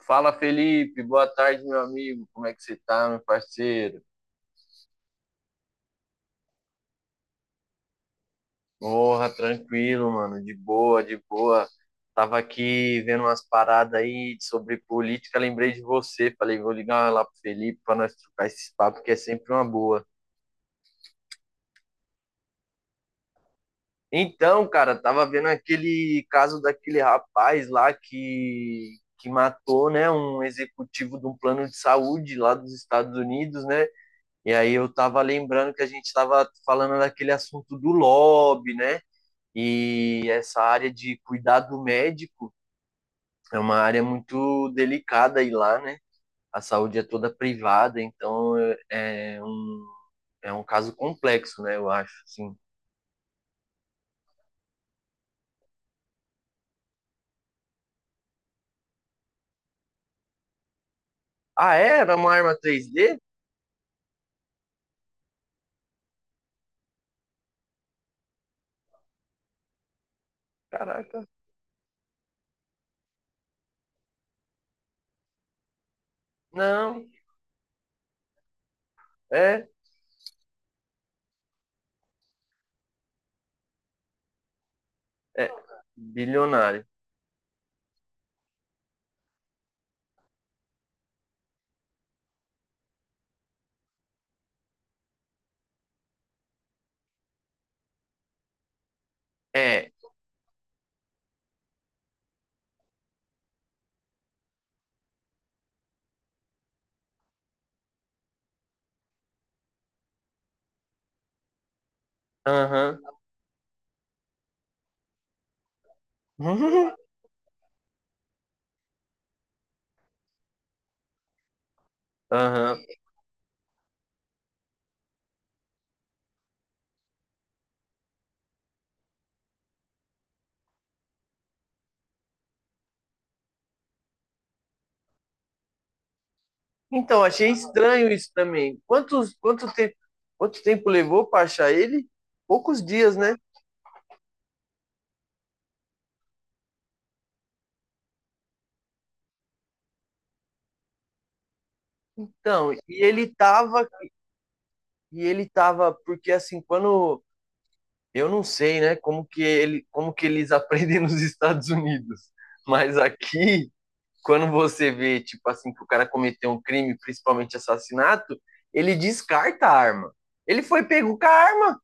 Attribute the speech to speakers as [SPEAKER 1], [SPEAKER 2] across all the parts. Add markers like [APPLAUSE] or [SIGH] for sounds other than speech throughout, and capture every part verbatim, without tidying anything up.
[SPEAKER 1] Fala, Felipe. Boa tarde, meu amigo. Como é que você tá, meu parceiro? Porra, tranquilo, mano. De boa, de boa. Tava aqui vendo umas paradas aí sobre política, lembrei de você. Falei, vou ligar lá pro Felipe pra nós trocar esses papos, que é sempre uma boa. Então, cara, tava vendo aquele caso daquele rapaz lá que, que matou, né, um executivo de um plano de saúde lá dos Estados Unidos, né? E aí eu tava lembrando que a gente tava falando daquele assunto do lobby, né? E essa área de cuidado médico é uma área muito delicada aí lá, né? A saúde é toda privada, então é é um, é um caso complexo, né? Eu acho, assim. Ah, é? Era uma arma três D? Caraca. Não, é, é bilionário. É, aham. [LAUGHS] Aham. Então, achei estranho isso também. Quantos, quanto tempo, quanto tempo levou para achar ele? Poucos dias, né? Então, e ele tava, e ele tava, porque assim, quando eu não sei, né, como que ele, como que eles [LAUGHS] aprendem nos Estados Unidos, mas aqui, quando você vê, tipo assim, que o cara cometeu um crime, principalmente assassinato, ele descarta a arma. Ele foi pego com a arma,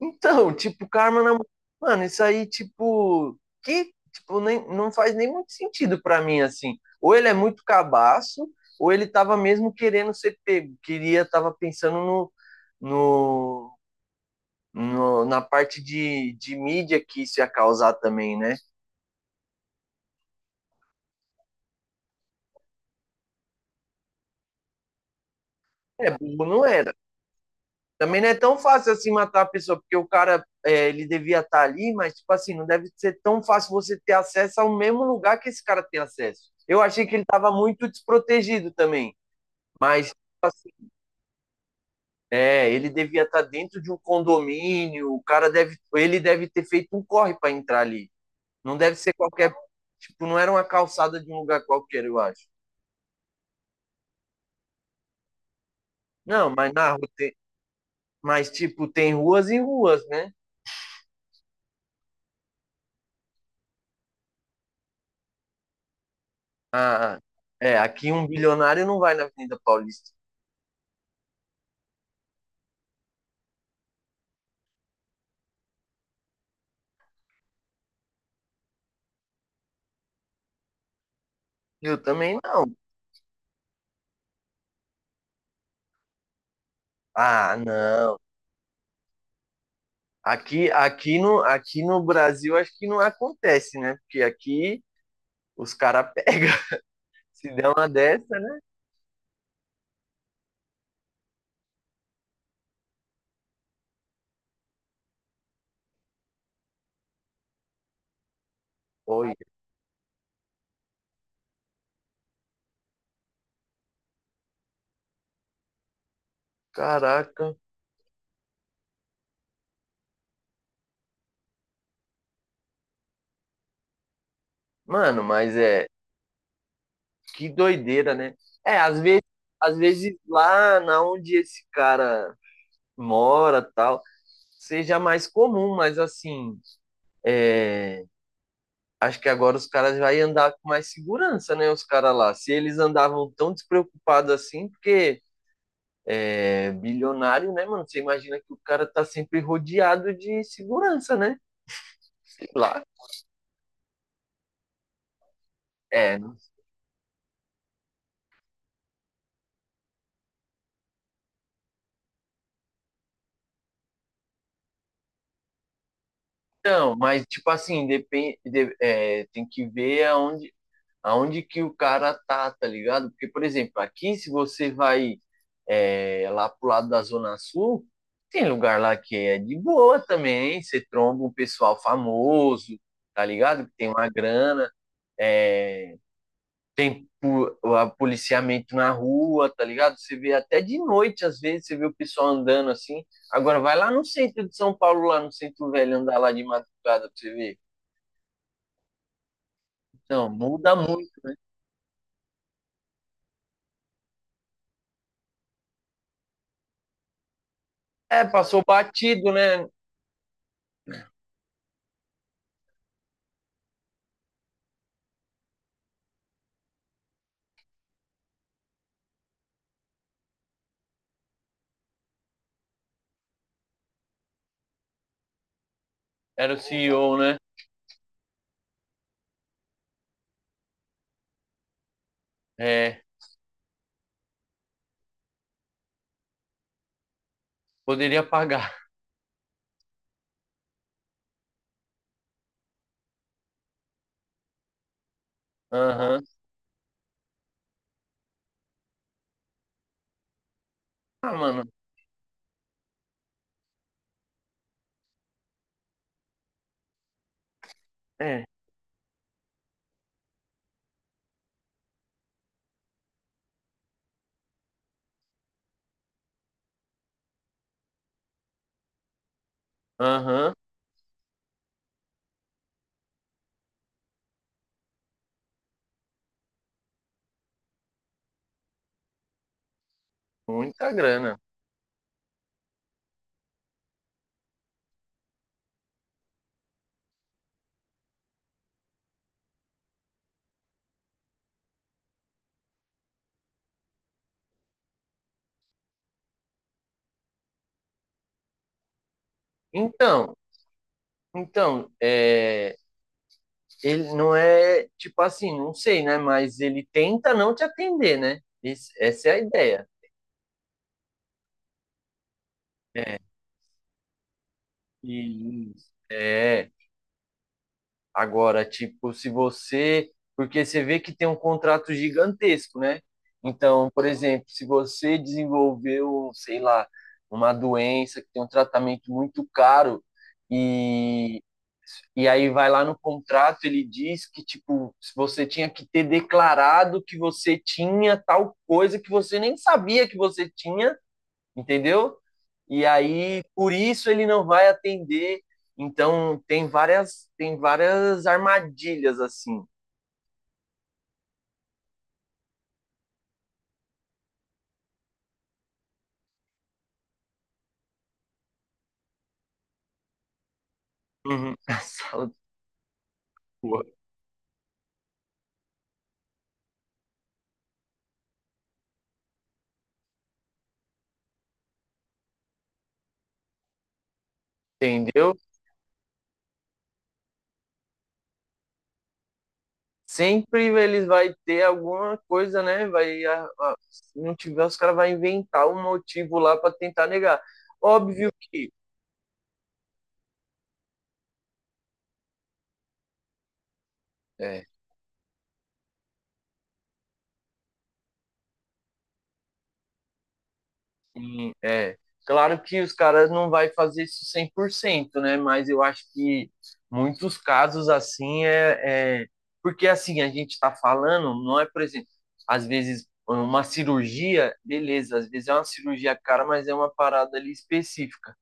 [SPEAKER 1] então, tipo, karma na. Mano, isso aí, tipo, que, tipo, nem, não faz nem muito sentido pra mim, assim. Ou ele é muito cabaço, ou ele tava mesmo querendo ser pego, queria, tava pensando no, no, no- na parte de, de mídia que isso ia causar também, né? É, bobo não era. Também não é tão fácil assim matar a pessoa, porque o cara, é, ele devia estar ali, mas, tipo assim, não deve ser tão fácil você ter acesso ao mesmo lugar que esse cara tem acesso. Eu achei que ele estava muito desprotegido também, mas, tipo assim, é, ele devia estar dentro de um condomínio, o cara deve, ele deve ter feito um corre para entrar ali. Não deve ser qualquer, tipo, não era uma calçada de um lugar qualquer, eu acho. Não, mas na rua tem, mas, tipo, tem ruas e ruas, né? Ah, é, aqui um bilionário não vai na Avenida Paulista. Eu também não. Ah, não. Aqui, aqui no, aqui no Brasil acho que não acontece, né? Porque aqui os caras pegam. [LAUGHS] Se der uma dessa, né? Olha, caraca. Mano, mas é que doideira, né? É, às vezes, às vezes lá na onde esse cara mora, tal, seja mais comum, mas assim, é, acho que agora os caras vai andar com mais segurança, né? Os caras lá. Se eles andavam tão despreocupados assim, porque é bilionário, né, mano? Você imagina que o cara tá sempre rodeado de segurança, né? Sei lá. É, então, mas tipo assim, depende, de- é, tem que ver aonde, aonde que o cara tá, tá ligado? Porque, por exemplo, aqui, se você vai é, lá pro lado da Zona Sul, tem lugar lá que é de boa também, você tromba um pessoal famoso, tá ligado? Que tem uma grana, é, tem pu- a- policiamento na rua, tá ligado? Você vê até de noite, às vezes, você vê o pessoal andando assim. Agora, vai lá no centro de São Paulo, lá no centro velho, andar lá de madrugada pra você ver. Não muda muito. É, passou batido, né? Era o C E O, né? É, poderia pagar. Aham. Ah, mano, é. Aham. Muita grana. Então, então, é, ele não é, tipo assim, não sei, né? Mas ele tenta não te atender, né? Esse- essa é a ideia. Isso. É, agora, tipo, se você. Porque você vê que tem um contrato gigantesco, né? Então, por exemplo, se você desenvolveu, sei lá, uma doença que tem um tratamento muito caro, e, e aí vai lá no contrato, ele diz que, tipo, se você tinha que ter declarado que você tinha tal coisa que você nem sabia que você tinha, entendeu? E aí, por isso ele não vai atender. Então, tem várias, tem várias armadilhas assim. Uhum. [LAUGHS] A sala de porra, entendeu? Sempre eles vai ter alguma coisa, né? Vai, a- a- se não tiver, os caras vão inventar um motivo lá para tentar negar. Óbvio que é, sim, é. Claro que os caras não vai fazer isso cem por cento, né? Mas eu acho que muitos casos assim é, é... Porque assim, a gente está falando, não é, por exemplo, às vezes uma cirurgia, beleza, às vezes é uma cirurgia cara, mas é uma parada ali específica.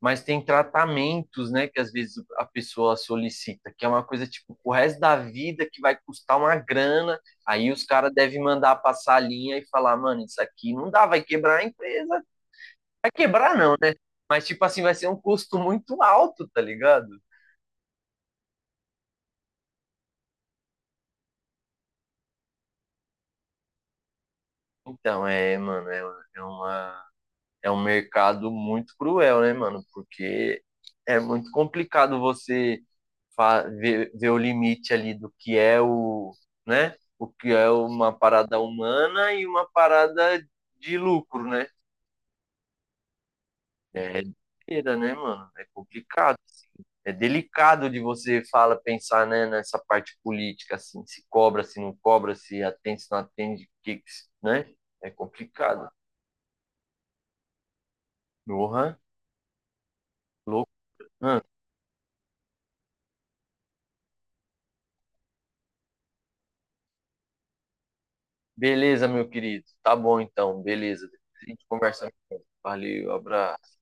[SPEAKER 1] Mas tem tratamentos, né, que às vezes a pessoa solicita, que é uma coisa tipo o resto da vida que vai custar uma grana. Aí os caras devem mandar passar a linha e falar, mano, isso aqui não dá, vai quebrar a empresa. Vai quebrar não, né? Mas, tipo assim, vai ser um custo muito alto, tá ligado? Então, é, mano, é, é uma, é um mercado muito cruel, né, mano? Porque é muito complicado você fa- ver, ver o limite ali do que é o, né? O que é uma parada humana e uma parada de lucro, né? É doideira, né, mano? É complicado. É delicado de você fala pensar, né, nessa parte política, assim, se cobra, se não cobra, se atende, se não atende, que, né, é complicado. Uhum, louco, uhum. Beleza, meu querido, tá bom, então, beleza. Depois a gente conversa. Valeu, abraço.